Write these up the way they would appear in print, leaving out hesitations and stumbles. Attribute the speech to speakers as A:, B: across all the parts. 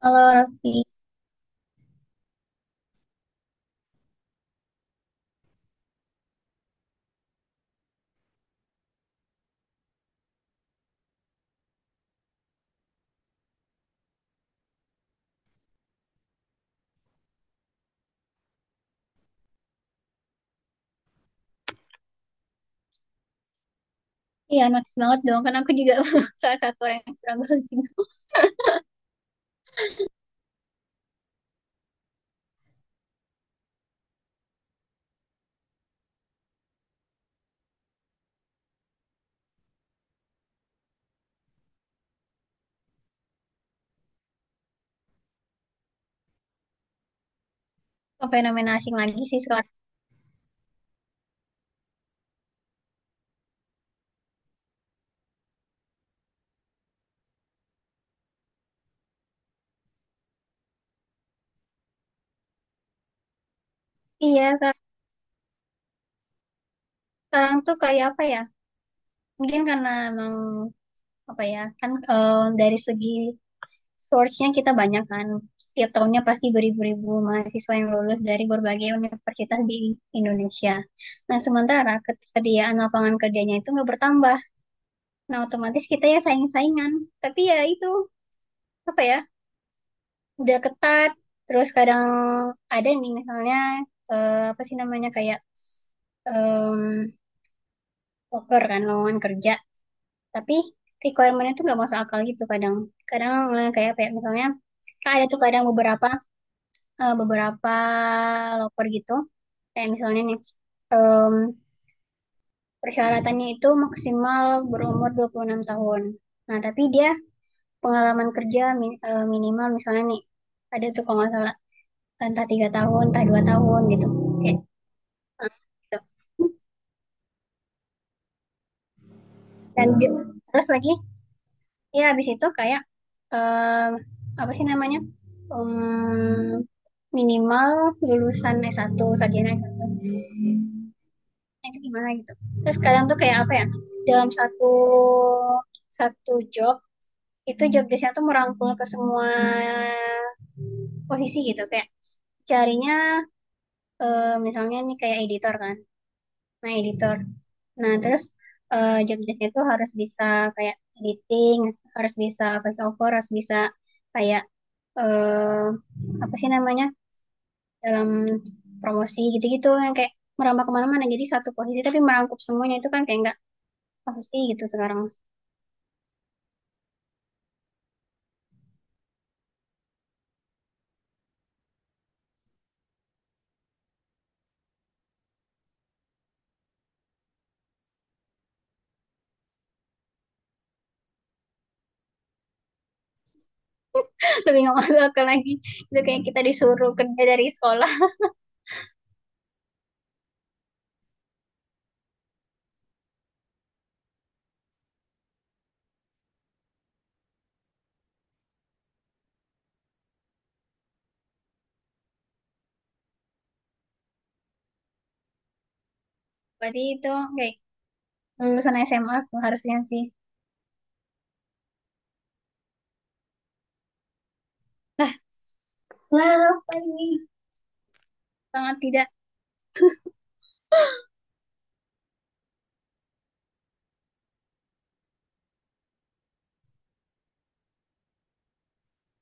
A: Kalau Raffi, iya notice banget dong. Karena aku juga salah satu orang yang struggle sih. Ke fenomena asing lagi sih sekarang. Iya, se- Sekarang tuh kayak apa ya? Mungkin karena emang apa ya? Kan dari segi source-nya kita banyak kan. Tiap tahunnya pasti beribu-ribu mahasiswa yang lulus dari berbagai universitas di Indonesia. Nah, sementara ketersediaan lapangan kerjanya itu nggak bertambah. Nah, otomatis kita ya saing-saingan. Tapi ya itu, apa ya? Udah ketat, terus kadang ada nih misalnya, apa sih namanya, kayak em, poker kan lowongan kerja, tapi requirementnya tuh nggak masuk akal gitu kadang. Kadang kayak, misalnya, kan ada tuh kadang beberapa, beberapa loper gitu kayak misalnya nih, em, persyaratannya itu maksimal berumur 26 tahun. Nah tapi dia pengalaman kerja minimal misalnya nih, ada tuh kalau nggak salah entah 3 tahun entah 2 tahun gitu. Kayak, Eh, gitu. Dan di- Terus lagi, ya habis itu kayak em, apa sih namanya? Em, minimal lulusan s satu, sarjana S1. Nah, itu gimana gitu. Terus kadang tuh kayak apa ya? Dalam satu satu job itu, job desknya tuh merangkul ke semua posisi gitu, kayak carinya misalnya nih kayak editor kan. Nah, editor. Nah, terus job desk itu harus bisa kayak editing, harus bisa voice over, harus bisa kayak eh apa sih namanya, dalam promosi gitu-gitu yang kayak merambah kemana-mana. Jadi satu posisi tapi merangkup semuanya itu kan kayak nggak apa sih gitu sekarang. Lebih nggak masuk akal lagi. Itu kayak kita disuruh kerja dari sekolah. Berarti itu kayak lulusan SMA tuh harusnya sih. Lah, apa ini? Sangat tidak.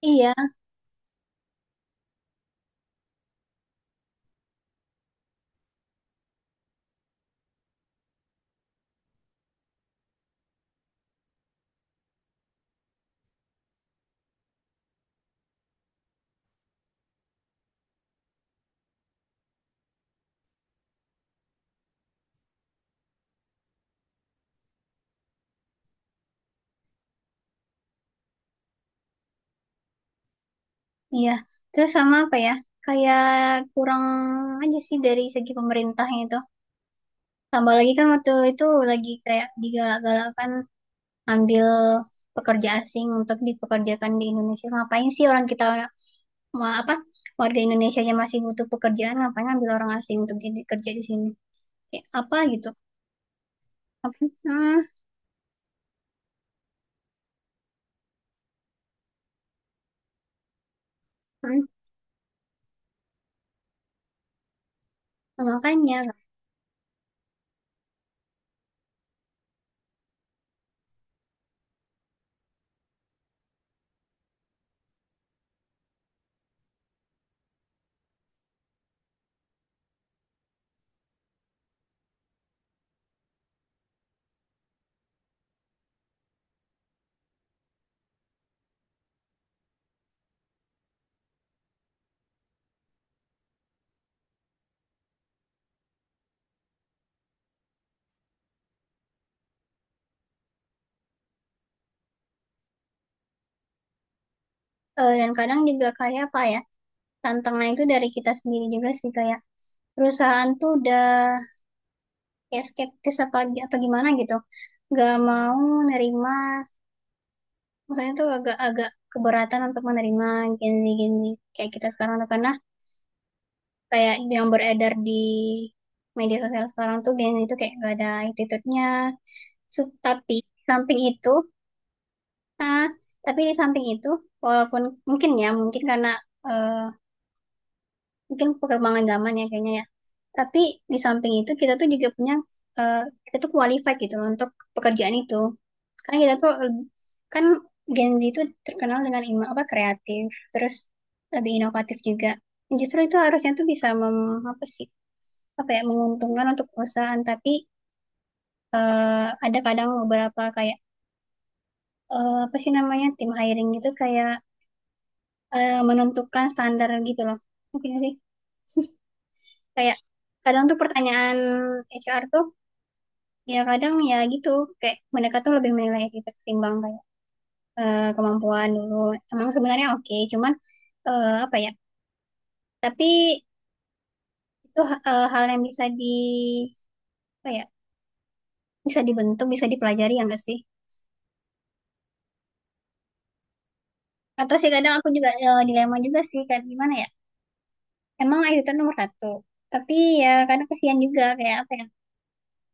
A: Iya, Iya, terus sama apa ya? Kayak kurang aja sih dari segi pemerintahnya itu. Tambah lagi kan waktu itu lagi kayak digalak galakan ambil pekerja asing untuk dipekerjakan di Indonesia. Ngapain sih orang kita, apa, warga Indonesia yang masih butuh pekerjaan, ngapain ambil orang asing untuk jadi kerja di sini? Kayak apa gitu? Apa sih? Hmm, hmm, makanya. Dan kadang juga kayak apa ya? Tantangan itu dari kita sendiri juga sih, kayak perusahaan tuh udah kayak skeptis apa atau gimana gitu, nggak mau nerima, maksudnya tuh agak-agak keberatan untuk menerima gini-gini kayak kita sekarang tuh, karena kayak yang beredar di media sosial sekarang tuh gini, itu kayak gak ada attitude-nya. Tapi samping itu, ah, tapi di samping itu, walaupun mungkin, ya mungkin karena eh, mungkin perkembangan zaman ya kayaknya ya, tapi di samping itu kita tuh juga punya, eh, kita tuh qualified gitu loh untuk pekerjaan itu, kan kita tuh kan Gen Z itu terkenal dengan ino, apa, kreatif, terus lebih inovatif juga, justru itu harusnya tuh bisa mem, apa sih, apa ya, menguntungkan untuk perusahaan, tapi ada kadang beberapa kayak apa sih namanya, tim hiring itu kayak menentukan standar gitu loh, mungkin sih. Kayak kadang tuh pertanyaan HR tuh ya kadang ya gitu, kayak mereka tuh lebih menilai kita ketimbang kayak kemampuan dulu, emang sebenarnya oke cuman apa ya. Tapi itu hal yang bisa di apa ya? Bisa dibentuk, bisa dipelajari ya nggak sih? Atau sih kadang aku juga dilema juga sih kan gimana ya? Emang ITT nomor satu. Tapi ya kadang kesian juga kayak apa ya?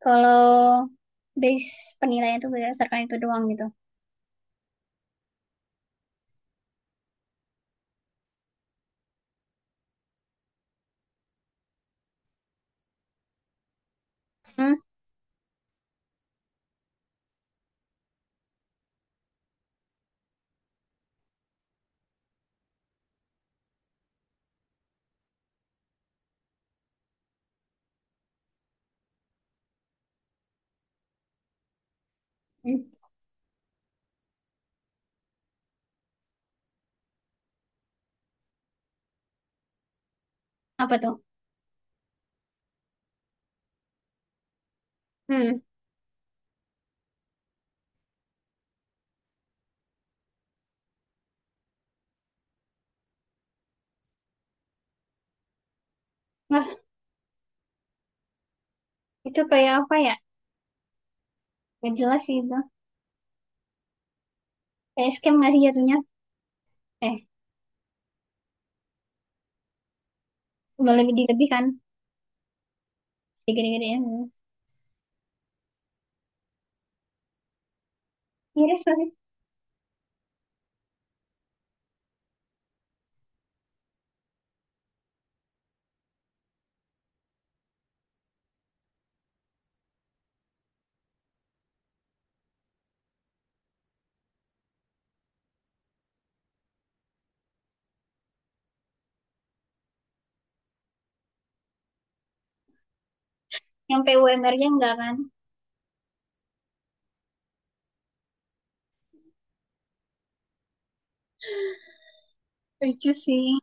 A: Kalau base penilaian itu berdasarkan itu doang gitu. Hmm, hmm. Apa tuh? Hmm. Wah, itu kayak apa ya? Gak jelas sih itu. Kayak scam nggak sih jatuhnya? Eh, udah lebih dilebih kan? Digede-gedein. Miris nggak sih. Yang PUMR-nya nggak kan? Lucu sih.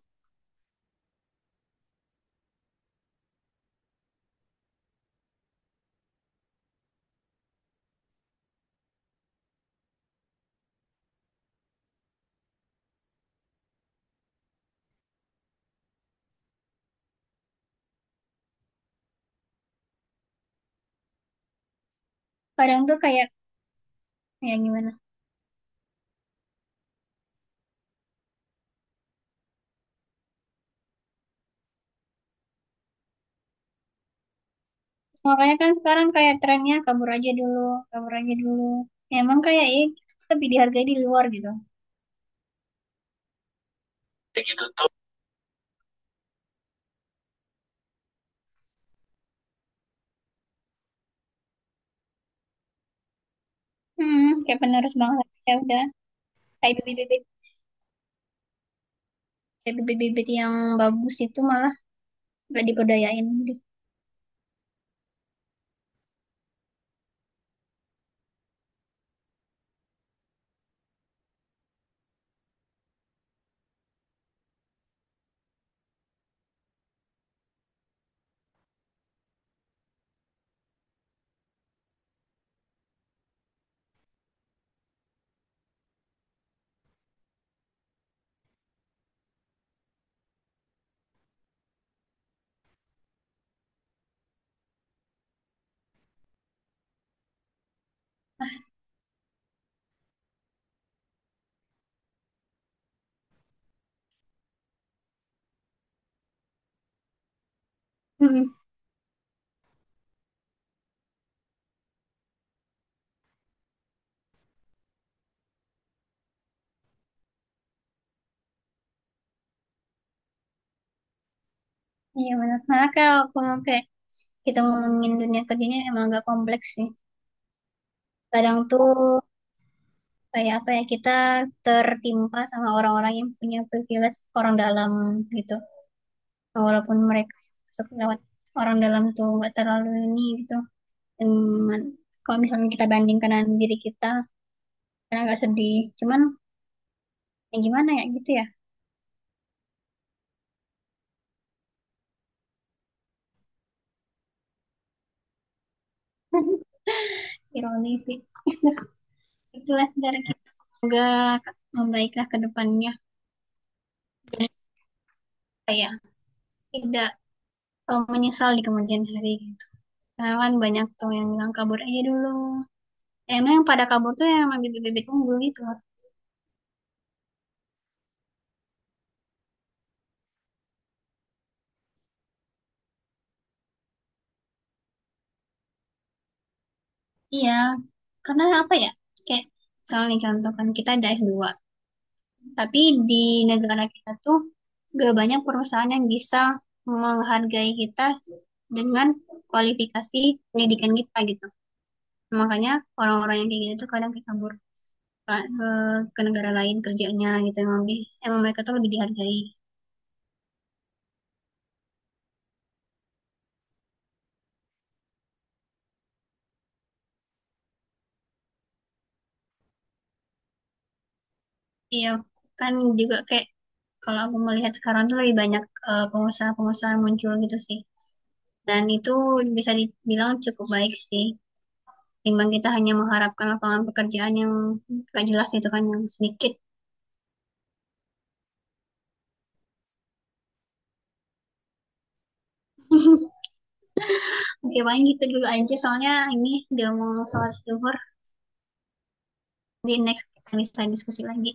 A: Kadang tuh kayak ya gimana, makanya kan sekarang kayak trennya kabur aja dulu, kabur aja dulu. Ya, emang kayak ya, lebih dihargai di luar gitu. Hmm, kayak penerus bangsa, ya udah kayak bibit-bibit, bibit-bibit yang bagus itu malah gak diperdayain gitu. Hmm, iya benar, karena kalau ngomong kayak, kita ngomongin dunia kerjanya emang agak kompleks sih. Kadang tuh kayak apa ya, kita tertimpa sama orang-orang yang punya privilege orang dalam gitu, walaupun mereka masuk lewat orang dalam tuh nggak terlalu ini gitu. Cuman kalau misalnya kita bandingkan dengan diri kita, karena agak sedih. Cuman ya gimana ya gitu ya. Ironi sih. Itulah cara kita. Semoga membaiklah ke depannya. Ya tidak menyesal di kemudian hari gitu. Karena kan banyak tuh yang bilang kabur aja dulu. Ya, emang yang pada kabur tuh yang bibit-bibit unggul gitu. Iya. Karena apa ya? Kayak misalnya contoh kan kita ada S2. Tapi di negara kita tuh gak banyak perusahaan yang bisa menghargai kita dengan kualifikasi pendidikan kita gitu. Makanya orang-orang yang kayak gitu tuh kadang kayak kabur ke, ke negara lain kerjanya gitu. Emang mereka tuh lebih dihargai. Iya, kan juga kayak kalau aku melihat sekarang tuh lebih banyak pengusaha-pengusaha muncul gitu sih. Dan itu bisa dibilang cukup baik sih. Timbang kita hanya mengharapkan lapangan pekerjaan yang gak jelas itu kan yang sedikit. Oke, paling gitu dulu aja soalnya ini udah mau sholat zuhur. Di next kita bisa diskusi lagi.